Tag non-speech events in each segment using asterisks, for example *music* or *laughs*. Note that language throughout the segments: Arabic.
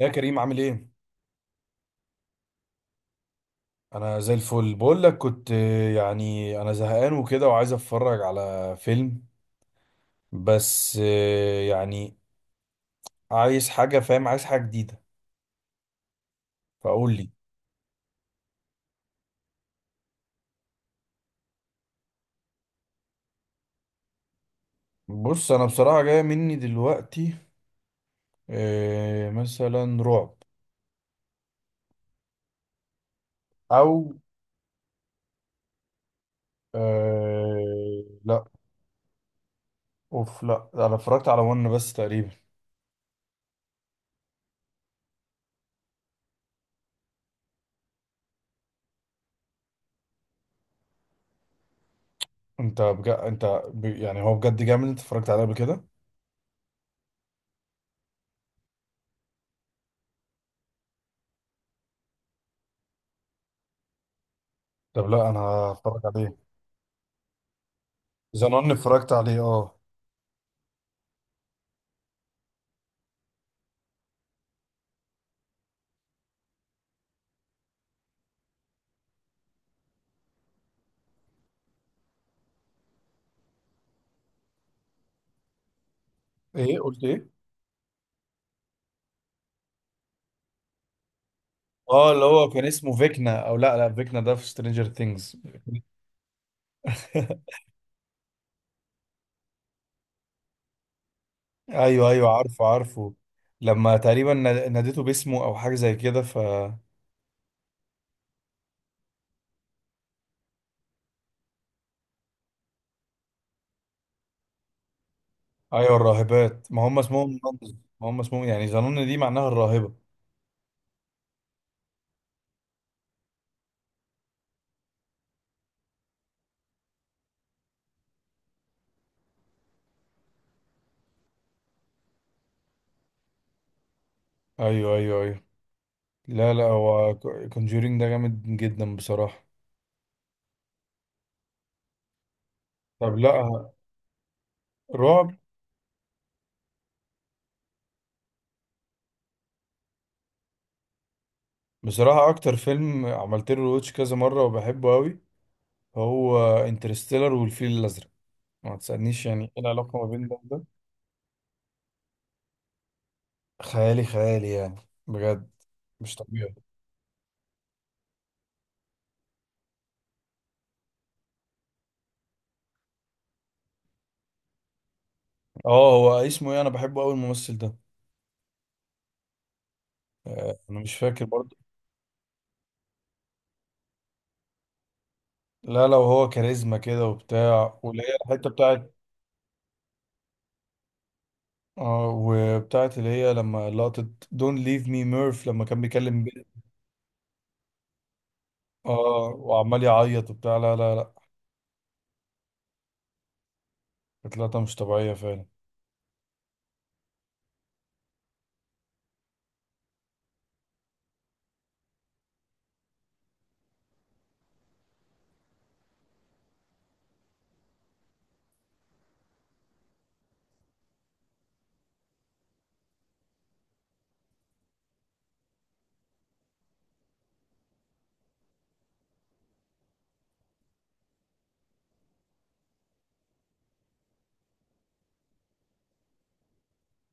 يا كريم، عامل ايه؟ انا زي الفل، بقول لك كنت يعني انا زهقان وكده وعايز اتفرج على فيلم. بس يعني عايز حاجة، فاهم، عايز حاجة جديدة، فقول لي. بص، انا بصراحة جاية مني دلوقتي. مثلا رعب. او لا. اوف، لا انا اتفرجت على ون بس تقريبا. انت بجد انت يعني هو بجد جامد؟ انت اتفرجت عليه قبل كده؟ طب لا، انا هتفرج عليه. زنان اتفرجت عليه، اه. ايه، قلت ايه؟ اه، اللي هو كان اسمه فيكنا، او لا لا، فيكنا ده في سترينجر ثينجز. *laughs* ايوه ايوه، عارفه عارفه. لما تقريبا ناديته باسمه او حاجه زي كده، ف… ايوه الراهبات، ما هم اسمهم ظنون. ما هم اسمهم يعني ظنون، دي معناها الراهبه. ايوه ايوه ايوه. لا لا، هو كونجورينج ده جامد جدا بصراحه. طب، لا، رعب. بصراحه اكتر فيلم عملت له روتش كذا مره وبحبه قوي هو انترستيلر والفيل الازرق. ما تسالنيش يعني ايه العلاقه ما بين ده وده. خيالي خيالي يعني، بجد مش طبيعي. اه، هو اسمه ايه؟ انا بحبه قوي الممثل ده. انا مش فاكر برضه. لا لا، وهو كاريزما كده وبتاع، واللي هي الحته بتاعت. اه وبتاعت اللي هي لما لقطة دون ليف مي ميرف لما كان بيكلم بنت. اه وعمال يعيط وبتاع، لا لا لا. كانت لقطة مش طبيعية فعلا.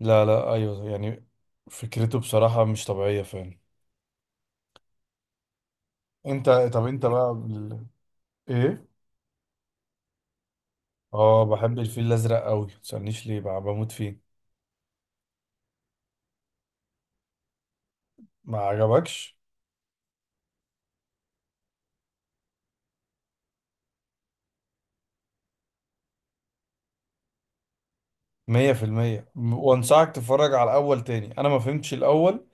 لا لا، ايوه يعني. فكرته بصراحة مش طبيعية فعلا. انت، طب انت بقى ايه؟ اه بحب الفيل الازرق قوي، متسألنيش ليه بقى، بموت فيه. ما عجبكش؟ مية في المية، وانصحك تتفرج على الاول تاني. انا ما فهمتش الاول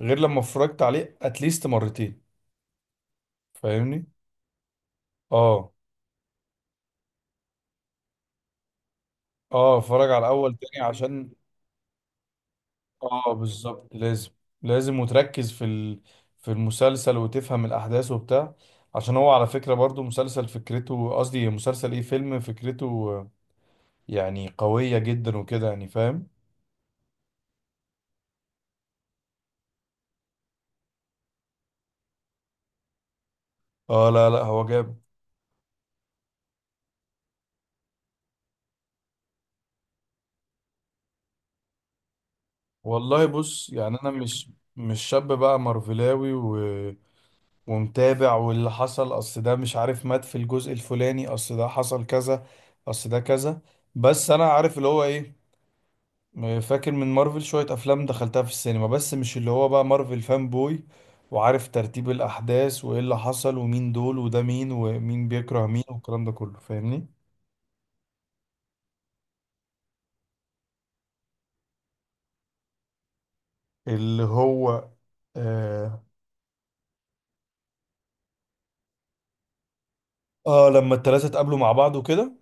غير لما اتفرجت عليه اتليست مرتين، فاهمني. اه. اه، اتفرج على الاول تاني عشان… اه بالظبط، لازم لازم وتركز في في المسلسل وتفهم الاحداث وبتاع. عشان هو على فكرة برضو مسلسل، فكرته، قصدي مسلسل ايه، فيلم، فكرته يعني قوية جدا وكده، يعني فاهم. اه لا لا، هو جاب… والله بص، يعني انا مش شاب بقى مارفلاوي ومتابع واللي حصل، اصل ده مش عارف مات في الجزء الفلاني، اصل ده حصل كذا، اصل ده كذا. بس انا عارف اللي هو ايه. فاكر من مارفل شوية افلام دخلتها في السينما، بس مش اللي هو بقى مارفل فان بوي، وعارف ترتيب الاحداث وايه اللي حصل ومين دول وده مين ومين بيكره مين والكلام ده كله، فاهمني. اللي هو، اه. لما التلاتة اتقابلوا مع بعض وكده،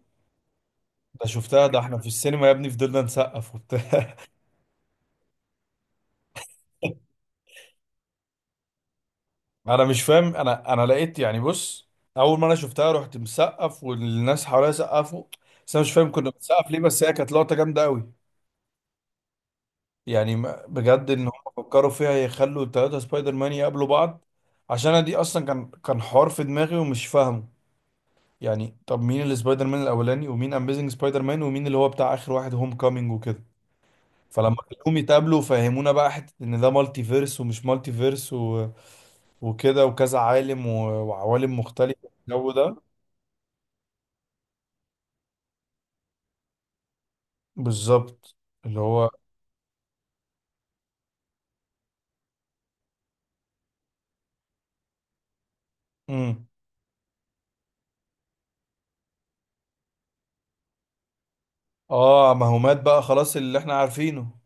ده شفتها. ده احنا في السينما يا ابني فضلنا نسقف وبتاع. *laughs* انا مش فاهم، انا لقيت يعني، بص، اول ما انا شفتها رحت مسقف والناس حواليا سقفوا. بس انا مش فاهم كنا بنسقف ليه، بس هي كانت لقطه جامده قوي. يعني بجد ان هم فكروا فيها يخلوا الثلاثه سبايدر مان يقابلوا بعض. عشان انا دي اصلا كان حوار في دماغي ومش فاهمه، يعني طب مين السبايدر مان الاولاني، ومين اميزنج سبايدر مان، ومين اللي هو بتاع اخر واحد، هوم كامينج وكده. فلما كلهم يتقابلوا فهمونا بقى حته ان ده مالتي فيرس ومش مالتي فيرس وكده، وكذا عالم وعوالم مختلفه الجو ده. بالظبط، اللي هو امم اه، ما هو مات بقى خلاص اللي احنا عارفينه.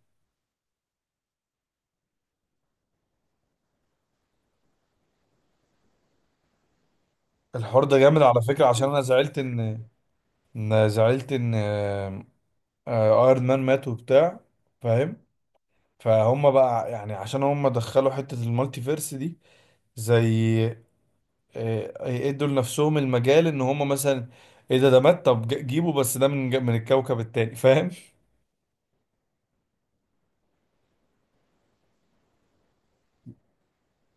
الحوار ده جامد على فكرة، عشان انا زعلت ان، زعلت ان ايرون مان مات وبتاع، فاهم. فهم بقى يعني، عشان هم دخلوا حتة المالتي فيرس دي، زي يدوا لنفسهم المجال ان هم مثلا ايه، ده مات، طب جيبه بس ده من من الكوكب التاني، فاهم.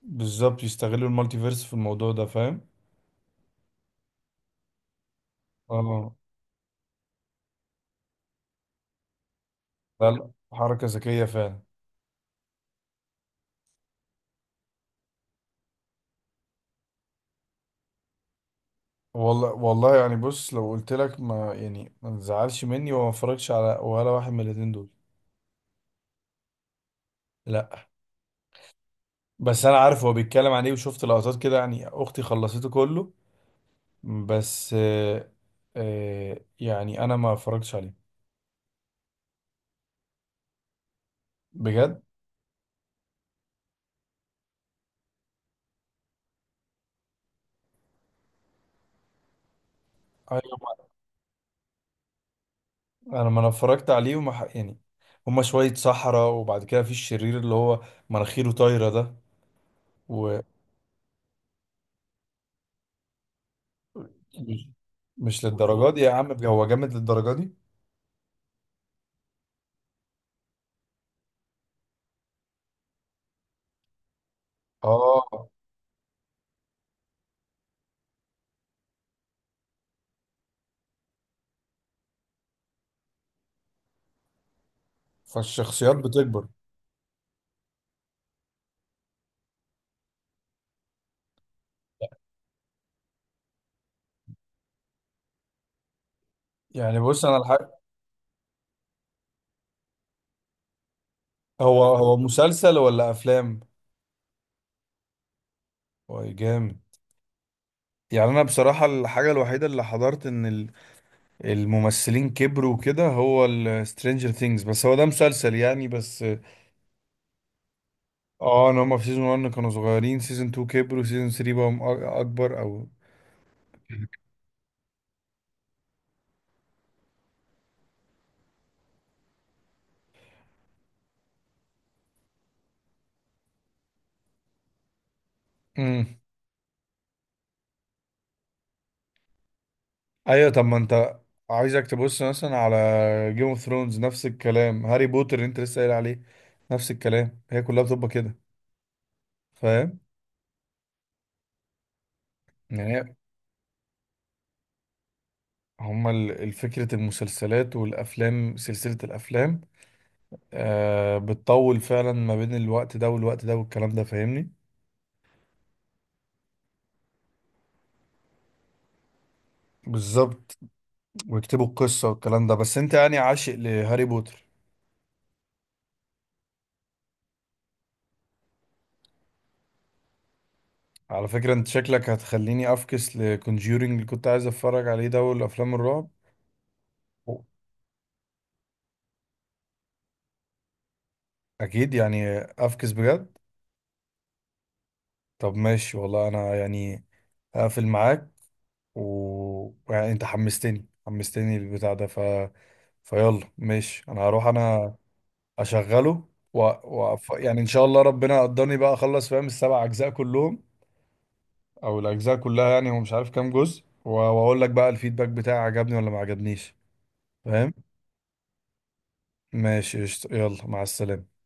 بالظبط، يستغلوا المالتي فيرس في الموضوع ده، فاهم. اه لا لا، حركة ذكية فعلا. والله والله، يعني بص، لو قلت لك، ما يعني ما تزعلش مني، وما اتفرجش على ولا واحد من الاتنين دول. لا، بس انا عارف هو بيتكلم عن ايه، وشفت لقطات كده، يعني اختي خلصته كله. بس يعني انا ما اتفرجتش عليه، بجد. أيوة. انا ما انا اتفرجت عليه وما يعني هما شوية صحراء، وبعد كده في الشرير اللي هو مناخيره طايرة ده و… مش مش للدرجة دي يا عم، هو جامد للدرجة دي؟ اه، فالشخصيات بتكبر. يعني بص انا الحق، هو مسلسل ولا افلام؟ هو جامد. يعني انا بصراحة الحاجة الوحيدة اللي حضرت ان الممثلين كبروا وكده هو السترينجر ثينجز، بس هو ده مسلسل يعني، بس. اه، ان هما في سيزون 1 كانوا صغيرين، سيزون 2 كبروا، سيزون 3 بقوا اكبر، او. *laughs* امم. ايوه، طب ما انت عايزك تبص مثلا على جيم اوف ثرونز، نفس الكلام هاري بوتر اللي انت لسه قايل عليه، نفس الكلام، هي كلها بتبقى كده فاهم. يعني هما فكرة المسلسلات والأفلام، سلسلة الأفلام بتطول فعلا ما بين الوقت ده والوقت ده والكلام ده، فاهمني. بالظبط، ويكتبوا القصة والكلام ده، بس انت يعني عاشق لهاري بوتر. على فكرة انت شكلك هتخليني افكس لكونجيورينج اللي كنت عايز اتفرج عليه ده والافلام الرعب. اكيد يعني افكس، بجد. طب ماشي والله، انا يعني هقفل معاك، و يعني انت حمستني حمستني البتاع ده، ف فيلا ماشي، انا هروح انا اشغله يعني ان شاء الله ربنا قدرني بقى اخلص، فاهم، السبع اجزاء كلهم، او الاجزاء كلها، يعني هو مش عارف كام جزء واقول لك بقى الفيدباك بتاعي عجبني ولا ما عجبنيش، فاهم. ماشي قشطة. يلا مع السلامة.